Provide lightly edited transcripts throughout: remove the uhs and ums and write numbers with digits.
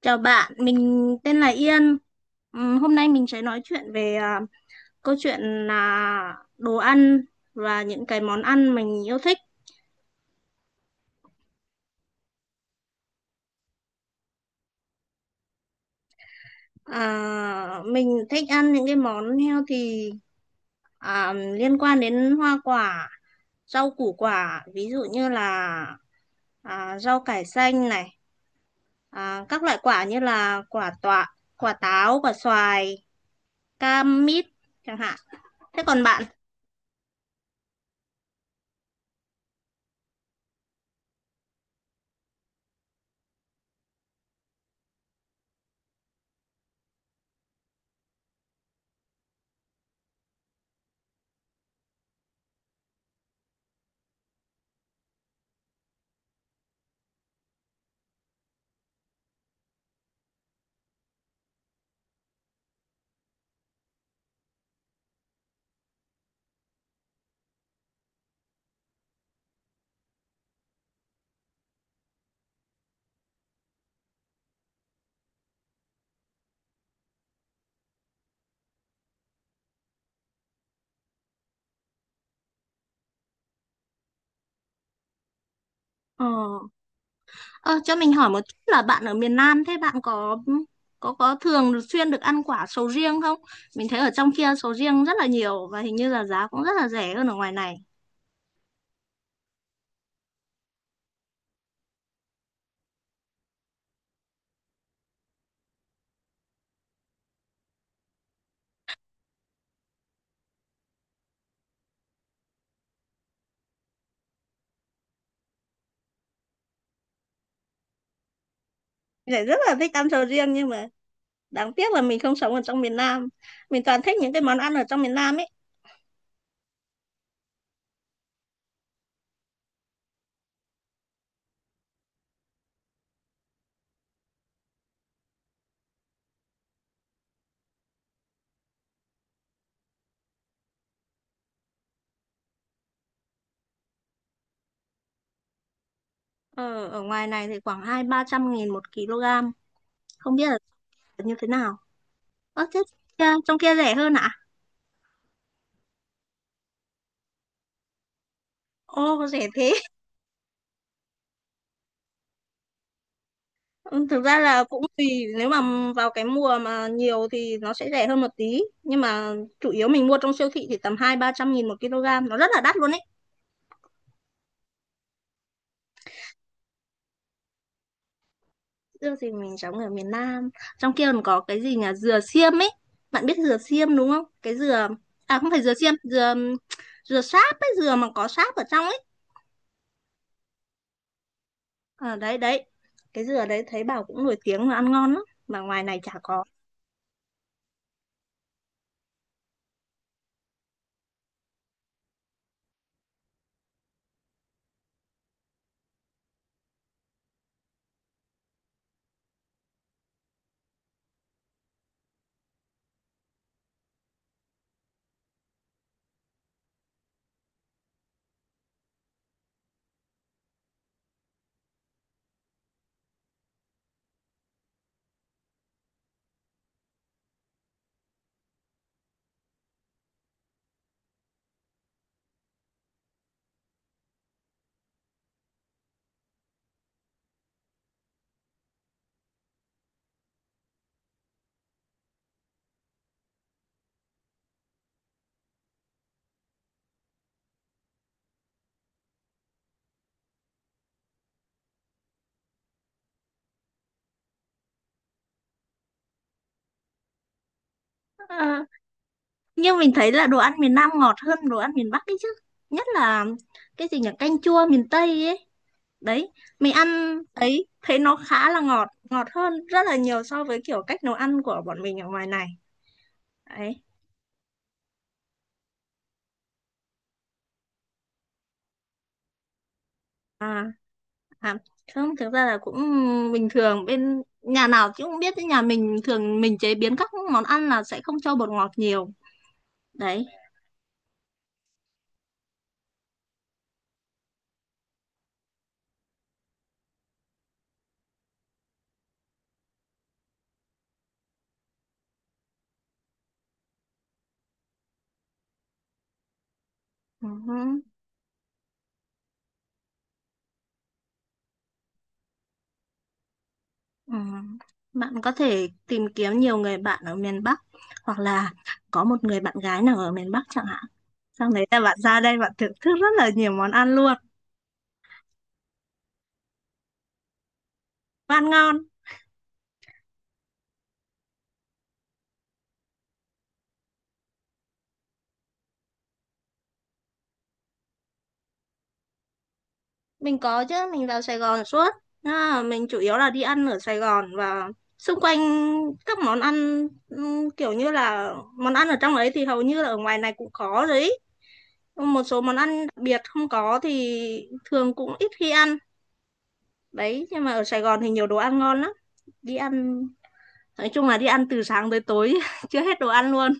Chào bạn, mình tên là Yên. Hôm nay mình sẽ nói chuyện về câu chuyện là đồ ăn và những cái món ăn mình yêu thích. À, mình thích ăn những cái món healthy, liên quan đến hoa quả, rau củ quả, ví dụ như là rau cải xanh này, các loại quả như là quả tọa, quả táo, quả xoài, cam, mít chẳng hạn. Thế còn bạn? Ờ. Ờ, cho mình hỏi một chút là bạn ở miền Nam, thế bạn có thường xuyên được ăn quả sầu riêng không? Mình thấy ở trong kia sầu riêng rất là nhiều và hình như là giá cũng rất là rẻ hơn ở ngoài này. Mình lại rất là thích ăn sầu riêng nhưng mà đáng tiếc là mình không sống ở trong miền Nam. Mình toàn thích những cái món ăn ở trong miền Nam ấy. Ờ, ở ngoài này thì khoảng hai ba trăm nghìn một kg. Không biết là như thế nào. Ơ thế trong kia rẻ hơn ạ? Ô rẻ thế. Ừ, thực ra là cũng tùy, nếu mà vào cái mùa mà nhiều thì nó sẽ rẻ hơn một tí nhưng mà chủ yếu mình mua trong siêu thị thì tầm hai ba trăm nghìn một kg, nó rất là đắt luôn ấy. Dưa thì mình sống ở miền Nam, trong kia còn có cái gì nhỉ, dừa xiêm ấy, bạn biết dừa xiêm đúng không, cái dừa, à không phải dừa xiêm, dừa dừa sáp ấy, dừa mà có sáp ở trong ấy. Đấy đấy, cái dừa đấy thấy bảo cũng nổi tiếng là ăn ngon lắm mà ngoài này chả có. À, nhưng mình thấy là đồ ăn miền Nam ngọt hơn đồ ăn miền Bắc ấy chứ, nhất là cái gì nhỉ, canh chua miền Tây ấy. Đấy, mình ăn ấy thấy nó khá là ngọt, ngọt hơn rất là nhiều so với kiểu cách nấu ăn của bọn mình ở ngoài này. Đấy. à, à không, thực ra là cũng bình thường, bên nhà nào chứ cũng biết chứ, nhà mình thường mình chế biến các món ăn là sẽ không cho bột ngọt nhiều. Đấy. Ừ. Ừ. Bạn có thể tìm kiếm nhiều người bạn ở miền Bắc hoặc là có một người bạn gái nào ở miền Bắc chẳng hạn. Xong đấy là bạn ra đây bạn thưởng thức rất là nhiều món ăn luôn. Và ăn ngon. Mình có chứ, mình vào Sài Gòn suốt. À, mình chủ yếu là đi ăn ở Sài Gòn và xung quanh, các món ăn, kiểu như là món ăn ở trong đấy thì hầu như là ở ngoài này cũng có rồi ý. Một số món ăn đặc biệt không có thì thường cũng ít khi ăn. Đấy, nhưng mà ở Sài Gòn thì nhiều đồ ăn ngon lắm. Đi ăn, nói chung là đi ăn từ sáng tới tối, chưa hết đồ ăn luôn.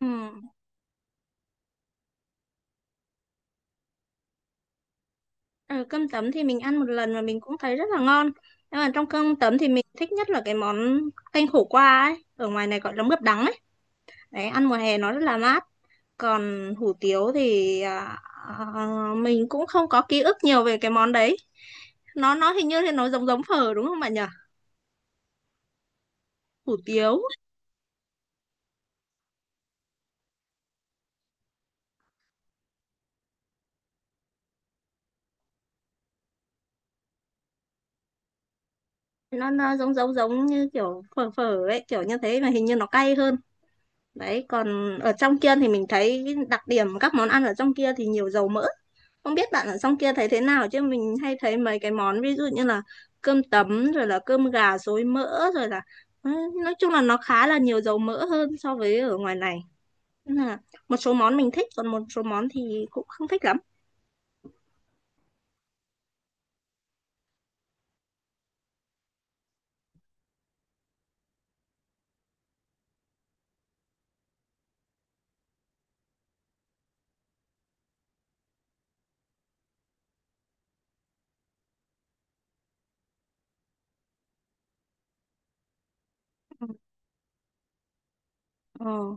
Ừm. Ờ, cơm tấm thì mình ăn một lần và mình cũng thấy rất là ngon. Nhưng mà trong cơm tấm thì mình thích nhất là cái món canh khổ qua ấy. Ở ngoài này gọi là mướp đắng ấy. Đấy, ăn mùa hè nó rất là mát. Còn hủ tiếu thì à, mình cũng không có ký ức nhiều về cái món đấy. Nó hình như thì nó giống giống phở đúng không bạn nhỉ? Hủ tiếu nó giống giống giống như kiểu phở phở ấy, kiểu như thế mà hình như nó cay hơn. Đấy, còn ở trong kia thì mình thấy cái đặc điểm các món ăn ở trong kia thì nhiều dầu mỡ. Không biết bạn ở trong kia thấy thế nào chứ mình hay thấy mấy cái món ví dụ như là cơm tấm rồi là cơm gà xối mỡ rồi là ừ, nói chung là nó khá là nhiều dầu mỡ hơn so với ở ngoài này. Nên là một số món mình thích còn một số món thì cũng không thích lắm. Ờ,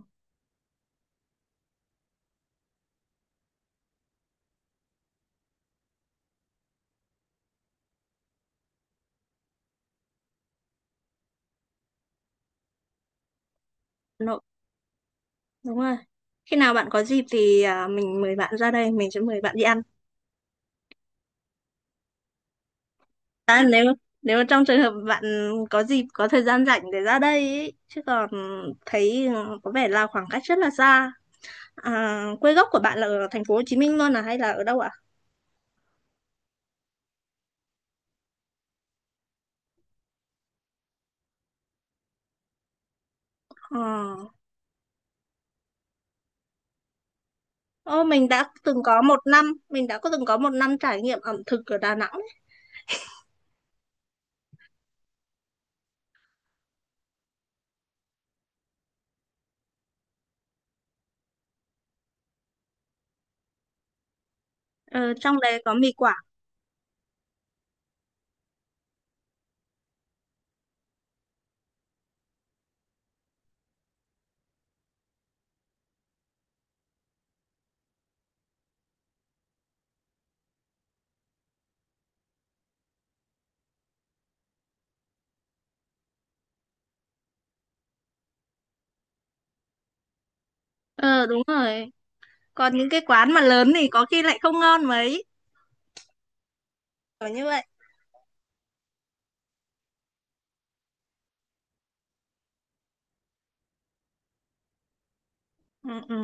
nội đúng rồi. Khi nào bạn có dịp thì mình mời bạn ra đây, mình sẽ mời bạn đi ăn. À, nếu nếu trong trường hợp bạn có dịp có thời gian rảnh để ra đây ý, chứ còn thấy ừ, có vẻ là khoảng cách rất là xa. À, quê gốc của bạn là ở thành phố Hồ Chí Minh luôn à hay là ở đâu ạ? Ờ. Ô, mình đã có từng có một năm trải nghiệm ẩm thực ở Đà Nẵng ấy. Ờ, trong đấy có mì Quảng. Ờ đúng rồi. Còn những cái quán mà lớn thì có khi lại không ngon mấy. Kiểu như vậy. Ừ, ừ.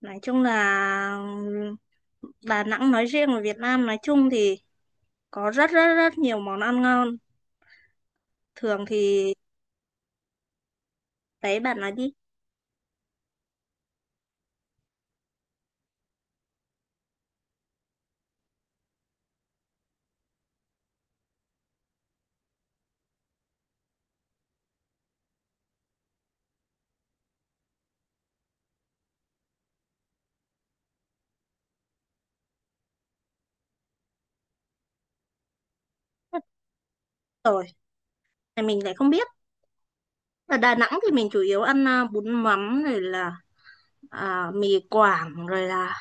Nói chung là ừ, Đà Nẵng nói riêng và Việt Nam nói chung thì có rất rất rất nhiều món ăn ngon, thường thì đấy bạn nói đi. Rồi thì mình lại không biết, ở Đà Nẵng thì mình chủ yếu ăn bún mắm rồi là mì Quảng rồi là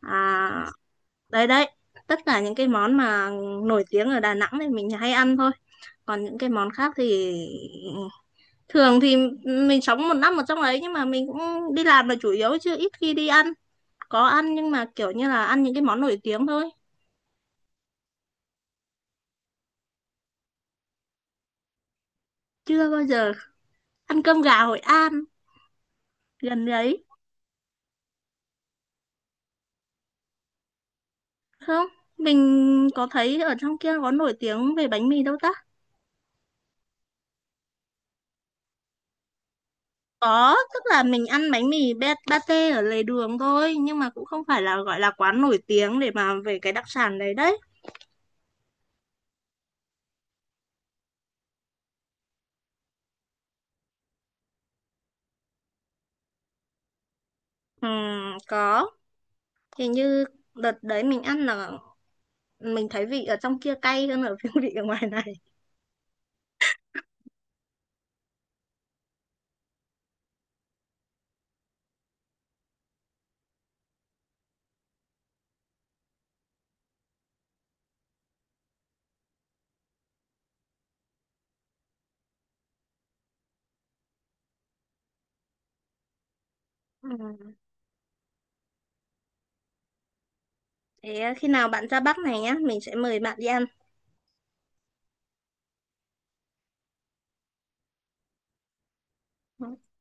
à, đấy đấy, tất cả những cái món mà nổi tiếng ở Đà Nẵng thì mình hay ăn thôi, còn những cái món khác thì thường thì mình sống một năm ở trong ấy nhưng mà mình cũng đi làm là chủ yếu chứ ít khi đi ăn, có ăn nhưng mà kiểu như là ăn những cái món nổi tiếng thôi, chưa bao giờ ăn cơm gà Hội An gần đấy. Không, mình có thấy ở trong kia có nổi tiếng về bánh mì đâu ta. Có, tức là mình ăn bánh mì pate ở lề đường thôi nhưng mà cũng không phải là gọi là quán nổi tiếng để mà về cái đặc sản đấy đấy. Có, thì như đợt đấy mình ăn là mình thấy vị ở trong kia cay hơn ở vị ở ngoài này. Ừm. Thế ờ, khi nào bạn ra Bắc này nhá mình sẽ mời bạn đi ăn